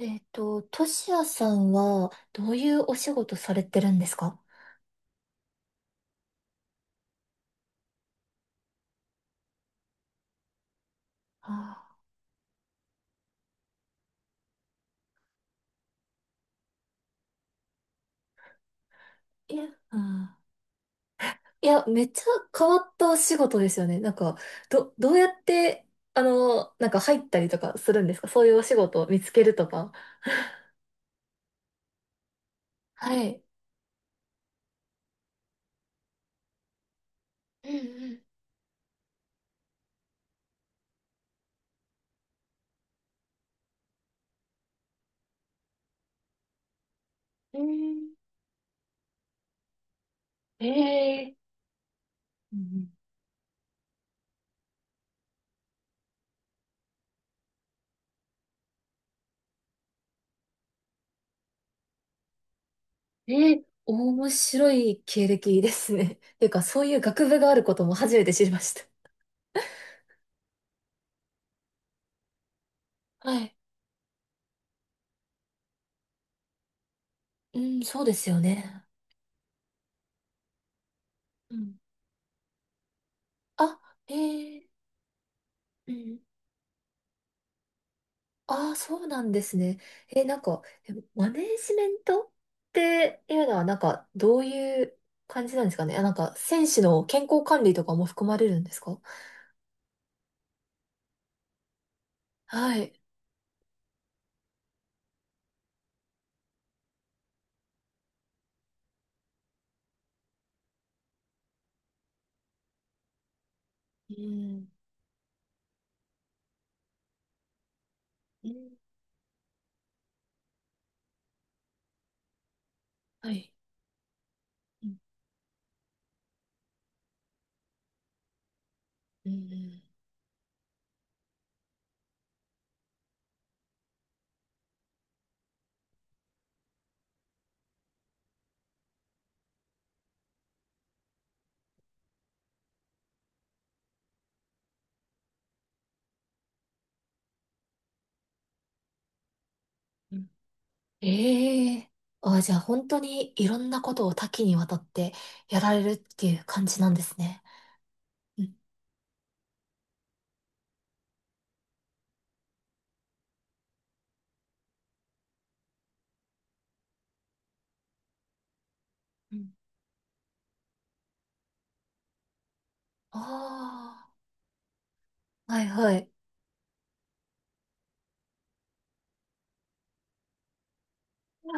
トシヤさんは、どういうお仕事されてるんですか？あいや、うん。いや、めっちゃ変わったお仕事ですよね。なんか、どうやって、なんか入ったりとかするんですか？そういうお仕事を見つけるとか。はい。うん。ええー。うん。え面白い経歴ですね。っていうか、そういう学部があることも初めて知りました。はい。うん、そうですよね。うん。あ、えーうん。ああ、そうなんですね。え、なんか、マネージメントっていうのは、なんか、どういう感じなんですかね。あ、なんか、選手の健康管理とかも含まれるんですか？はい。うん、うん、はい。うん、うん、うん。ええ。あ、じゃあ、本当にいろんなことを多岐にわたってやられるっていう感じなんですね。うん、うん。ああ、はいはい。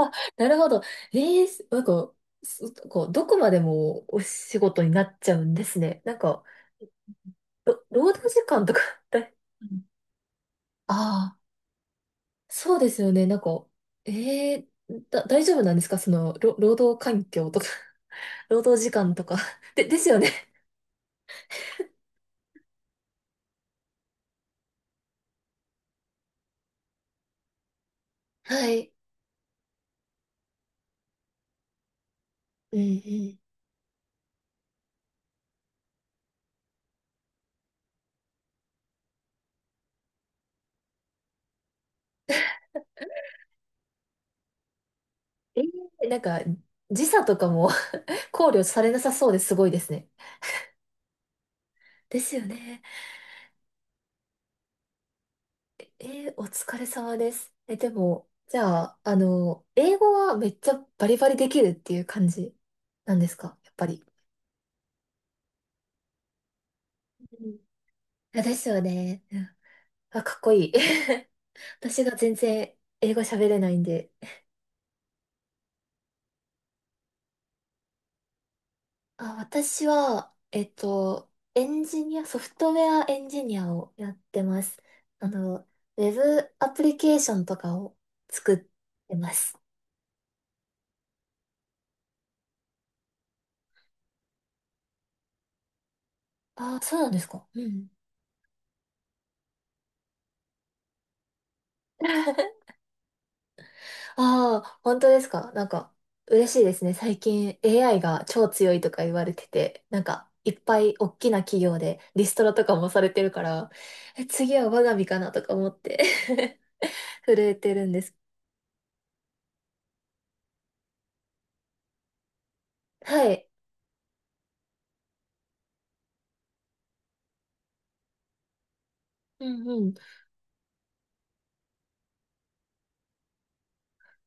あ、なるほど。ええ、なんか、そこう、どこまでもお仕事になっちゃうんですね。なんか、労働時間とか だああ、そうですよね。なんか、ええ、大丈夫なんですか？その、労働環境とか。 労働時間とか ですよね。はい。うん、うん。ええ、なんか、時差とかも 考慮されなさそうですごいですね。ですよね。お疲れ様です。え、でも、じゃあ、英語はめっちゃバリバリできるっていう感じなんですか？やっぱり。うん。あ、ですよね。うん。あ、かっこいい。私が全然英語喋れないんで。あ、私は、エンジニア、ソフトウェアエンジニアをやってます。あの、ウェブアプリケーションとかを作ってます。あ、そうなんですか？うん。ああ、本当ですか？なんか、嬉しいですね。最近 AI が超強いとか言われてて、なんか、いっぱい大きな企業でリストラとかもされてるから、え、次は我が身かなとか思って 震えてるんです。はい。うん、うん。い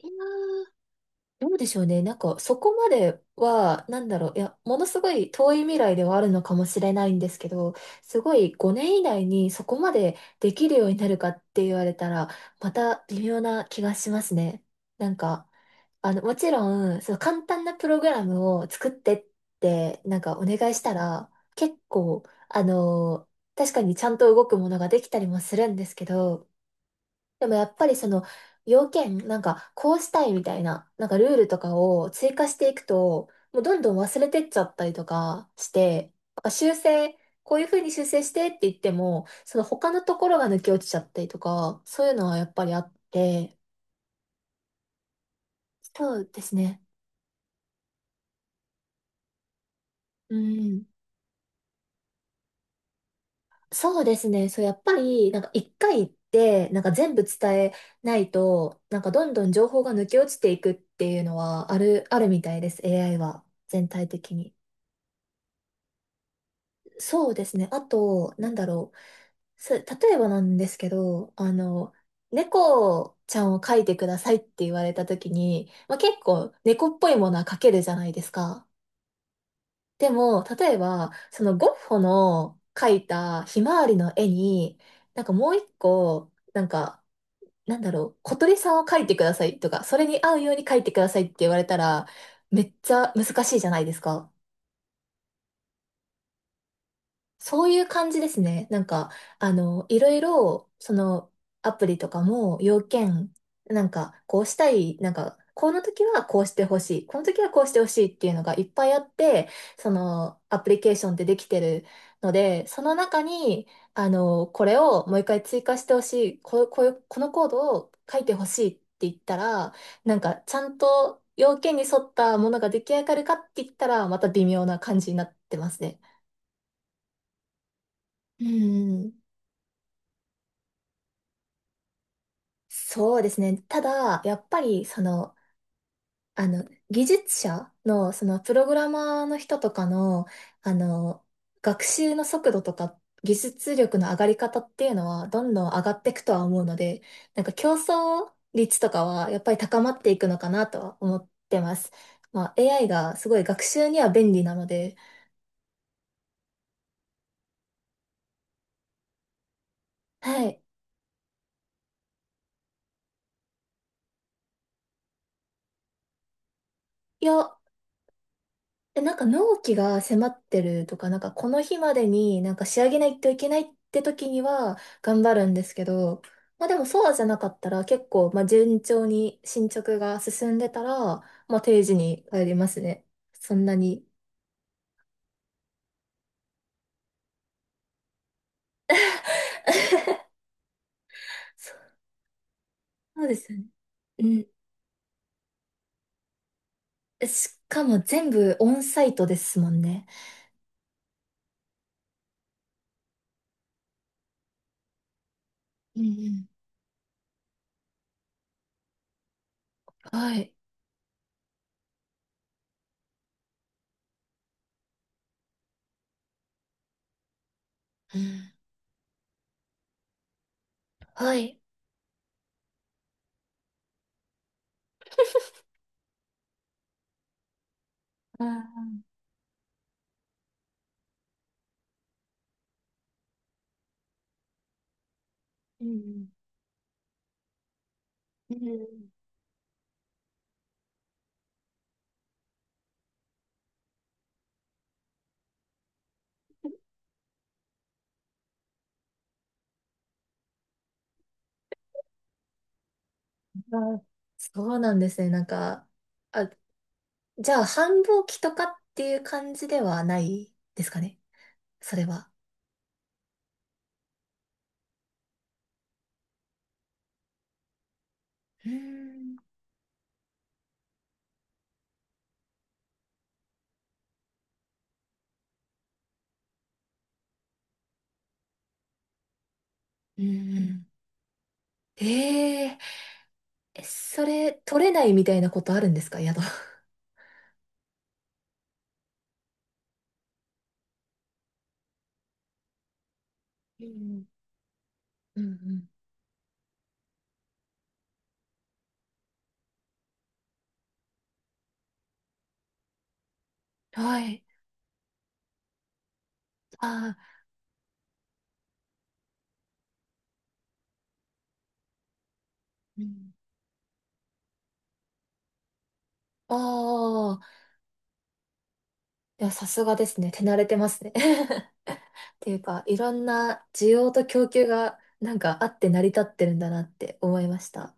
やー、どうでしょうね。なんか、そこまでは、なんだろう。いや、ものすごい遠い未来ではあるのかもしれないんですけど、すごい5年以内にそこまでできるようになるかって言われたら、また微妙な気がしますね。なんか、もちろん、その簡単なプログラムを作ってって、なんかお願いしたら、結構、あの、確かにちゃんと動くものができたりもするんですけど、でもやっぱりその要件、なんかこうしたいみたいな、なんかルールとかを追加していくと、もうどんどん忘れてっちゃったりとかして、なんか修正、こういうふうに修正してって言っても、その他のところが抜け落ちちゃったりとか、そういうのはやっぱりあって、そうですね。うん。そうですね。そう、やっぱり、なんか一回行って、なんか全部伝えないと、なんかどんどん情報が抜け落ちていくっていうのはあるみたいです。AI は全体的に。そうですね。あと、なんだろう。例えばなんですけど、猫ちゃんを描いてくださいって言われた時に、まあ、結構猫っぽいものは描けるじゃないですか。でも、例えば、そのゴッホの描いたひまわりの絵に、なんかもう一個、なんか、なんだろう、小鳥さんを描いてくださいとか、それに合うように描いてくださいって言われたら、めっちゃ難しいじゃないですか。そういう感じですね。なんか、いろいろ、その、アプリとかも、要件、なんか、こうしたい、なんか、この時はこうしてほしい、この時はこうしてほしいっていうのがいっぱいあって、その、アプリケーションってできてるので、その中に、これをもう一回追加してほしい、こういう、このコードを書いてほしいって言ったら、なんか、ちゃんと要件に沿ったものが出来上がるかって言ったら、また微妙な感じになってますね。うん。そうですね。ただ、やっぱり、その、あの、技術者の、その、プログラマーの人とかの、あの、学習の速度とか、技術力の上がり方っていうのは、どんどん上がっていくとは思うので、なんか競争率とかは、やっぱり高まっていくのかなとは思ってます。まあ、AI がすごい学習には便利なので、はい。いや、え、なんか納期が迫ってるとか、なんかこの日までになんか仕上げないといけないって時には頑張るんですけど、まあでもそうじゃなかったら結構、まあ順調に進捗が進んでたら、まあ定時に帰りますね。そんなに。そそうですよね。うん。え、しかも全部オンサイトですもんね。うん、うん。はい。うん。はい。あーうん、うん、うん。そうなんですね。なんか、あ、じゃあ、繁忙期とかっていう感じではないですかね。それは。うーん。うん、うん。えええそれ、取れないみたいなことあるんですか、宿？うん、うん、うん。はい。ああ、うん。ああ、いや、さすがですね。手慣れてますね。っていうか、いろんな需要と供給が、なんかあって成り立ってるんだなって思いました。